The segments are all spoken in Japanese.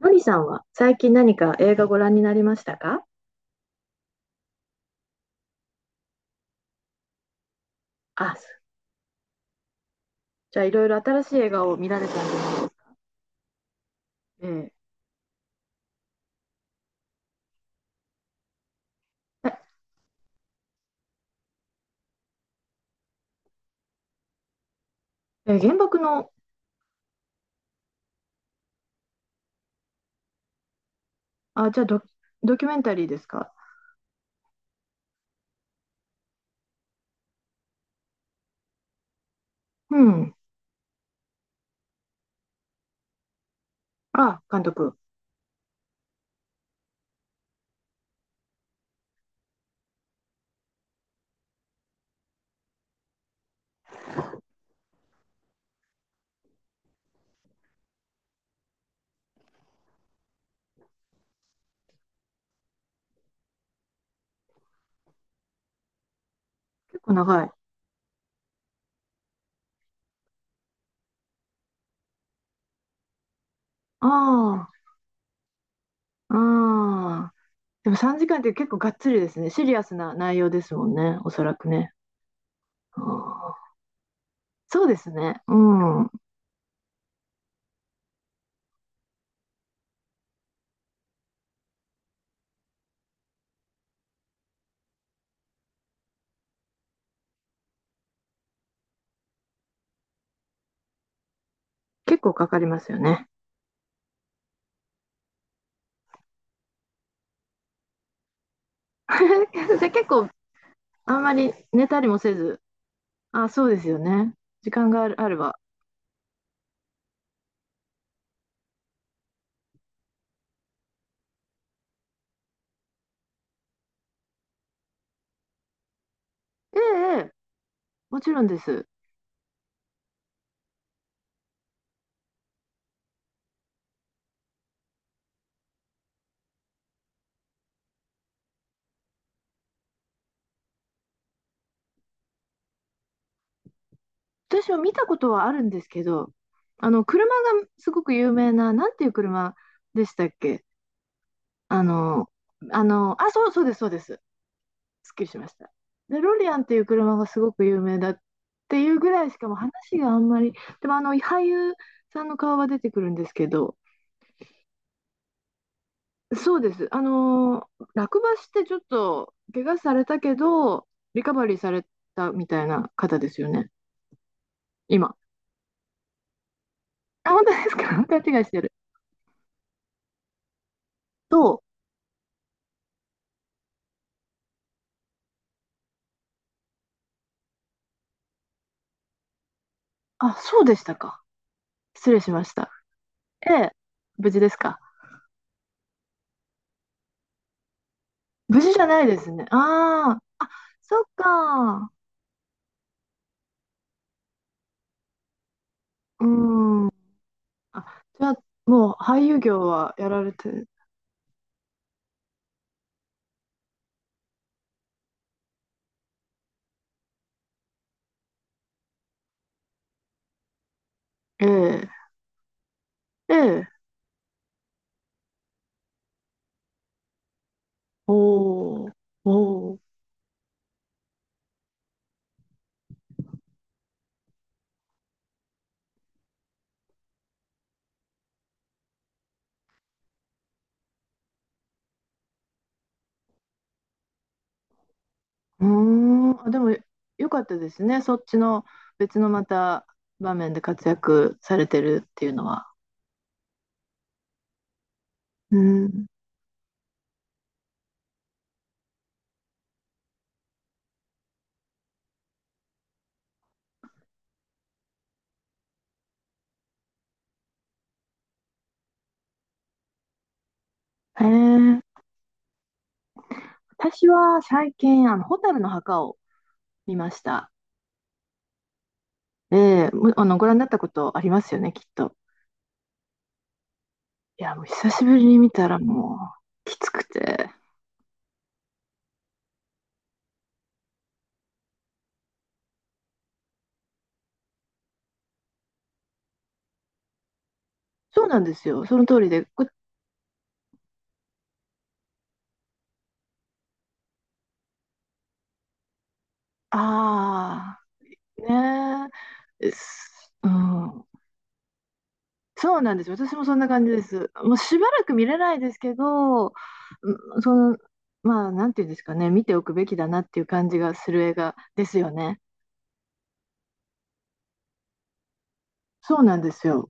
のりさんは最近何か映画ご覧になりましたか？あ。じゃあいろいろ新しい映画を見られたんですね。ええ、え、原爆の。あ、じゃあ、ドキュメンタリーですか？うん。あ、監督。結構長い。ああ、ああ。でも3時間って結構がっつりですね。シリアスな内容ですもんね。おそらくね。あー、そうですね。うん。結構かかりますよね。で、結構あんまり寝たりもせず。あ、そうですよね。時間がある、あれば。ええ、ええ、もちろんです。私は見たことはあるんですけど、あの、車がすごく有名な、なんていう車でしたっけ？あの、あの、あ、そう、そうです、そうです。すっきりしました。で、ロリアンっていう車がすごく有名だっていうぐらいしかも話があんまり。でも、あの、俳優さんの顔は出てくるんですけど、そうです。あのー、落馬してちょっと怪我されたけど、リカバリーされたみたいな方ですよね、今。あ、本当ですか？ 勘違いしてる。とあ、そうでしたか。失礼しました。ええ、無事ですか？無事じゃないですね。ああ、あ、そっか。うん。あ、じゃあ、もう俳優業はやられて、ええ、ええ、おー、おー、うーん。あ、でも、よかったですね。そっちの別のまた場面で活躍されてるっていうのは。うん。へえ。私は最近、あの、蛍の墓を見ました。ええ、あの、ご覧になったことありますよね、きっと。いや、もう久しぶりに見たらもう、きつくて。そうなんですよ、その通りで。ああ、ねえ、うん。そうなんですよ、私もそんな感じです。もうしばらく見れないですけど、うん、その、まあ、なんていうんですかね、見ておくべきだなっていう感じがする映画ですよね。そうなんですよ。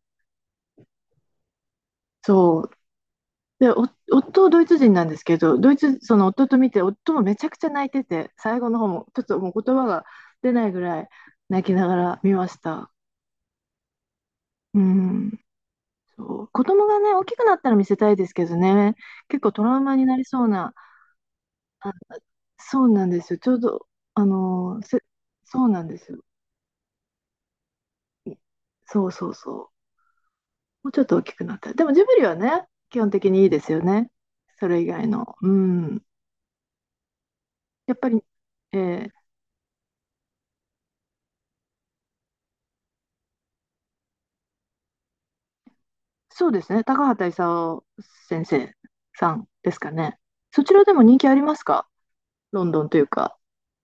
そう。で、夫、ドイツ人なんですけど、ドイツ、その夫と見て、夫もめちゃくちゃ泣いてて、最後の方も、ちょっともう言葉が出ないぐらい泣きながら見ました。うん。そう。子供がね、大きくなったら見せたいですけどね、結構トラウマになりそうな。あ、そうなんですよ。ちょうど、あのー、せ、そうなんですよ。いそうそうそう。もうちょっと大きくなったら。でもジブリはね、基本的にいいですよね。それ以外の。うん。やっぱり、えーそうですね。高畑勲先生さんですかね。そちらでも人気ありますか？ロンドンというか、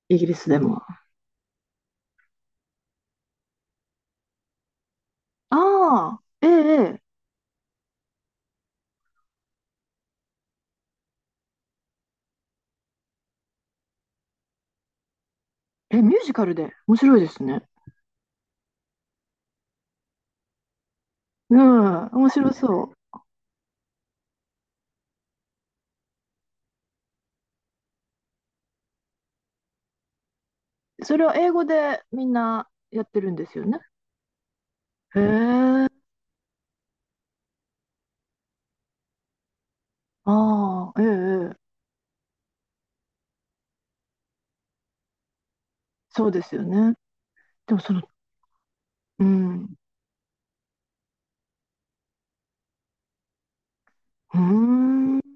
イギリスでも。ああ、ええ、ええ、え、ミュージカルで。面白いですね。うん、面白そう。それは英語でみんなやってるんですよね。へえ、ああ、ええ、ええ、そうですよね。でも、その、うん、うーん。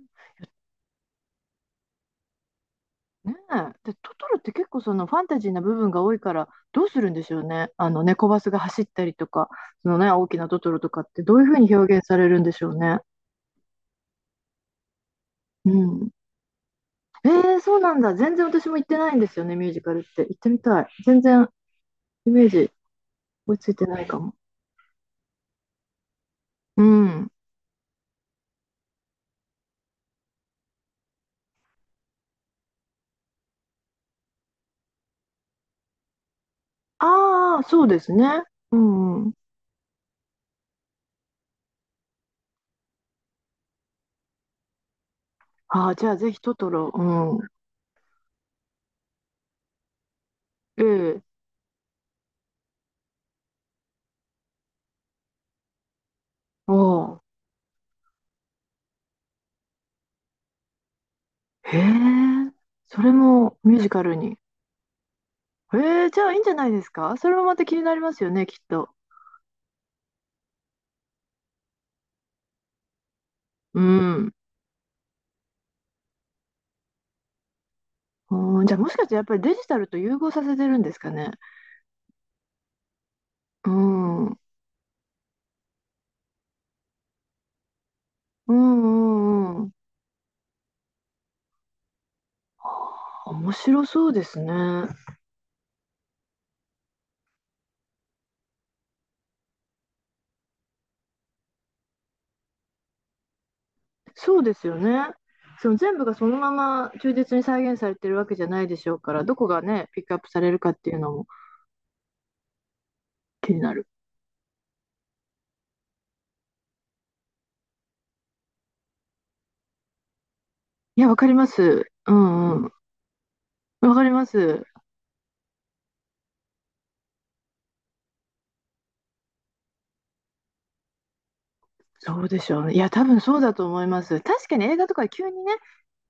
ねえ。で、トトロって結構そのファンタジーな部分が多いから、どうするんでしょうね。あの、猫バスが走ったりとか、そのね、大きなトトロとかってどういうふうに表現されるんでしょうね。うん。えー、そうなんだ。全然私も行ってないんですよね、ミュージカルって。行ってみたい。全然イメージ追いついてないかも。うん。ああ、そうですね。うんうん。ああ、じゃあぜひトトロ。うん。ええ。おお。へえ。それもミュージカルに。えー、じゃあいいんじゃないですか？それもまた気になりますよね、きっと。うん。うん、じゃあもしかしてやっぱりデジタルと融合させてるんですかね。うん。うんうんうん。はあ、面白そうですね。そうですよね。その全部がそのまま忠実に再現されてるわけじゃないでしょうから、どこがね、ピックアップされるかっていうのも気になる。いや、わかります。うんうん。わかります。そうでしょうね。いや、多分そうだと思います。確かに映画とか急にね、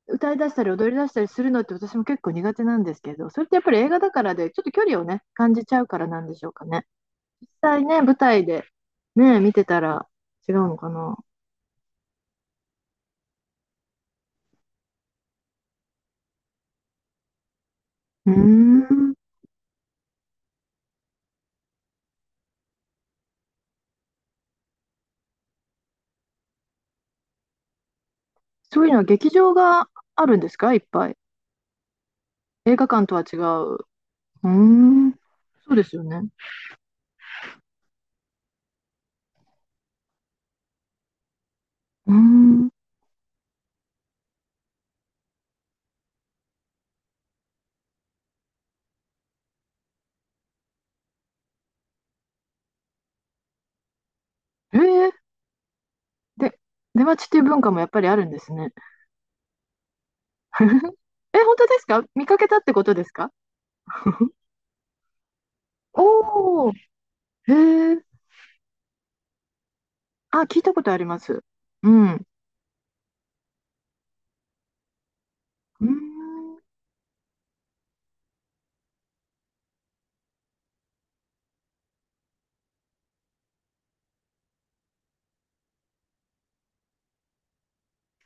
歌い出したり踊り出したりするのって私も結構苦手なんですけど、それってやっぱり映画だからで、ちょっと距離をね、感じちゃうからなんでしょうかね。実際ね、舞台でね、見てたら違うのかな。うーん。そういうのは劇場があるんですか？いっぱい。映画館とは違う。うーん。そうですよね。うーん。えー、で、出待ちっていう文化もやっぱりあるんですね。え、本当ですか？見かけたってことですか？お おー、へえ。あ、聞いたことあります。うん。うーん。う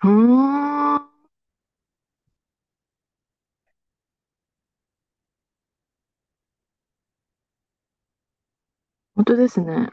ーん。本当ですね。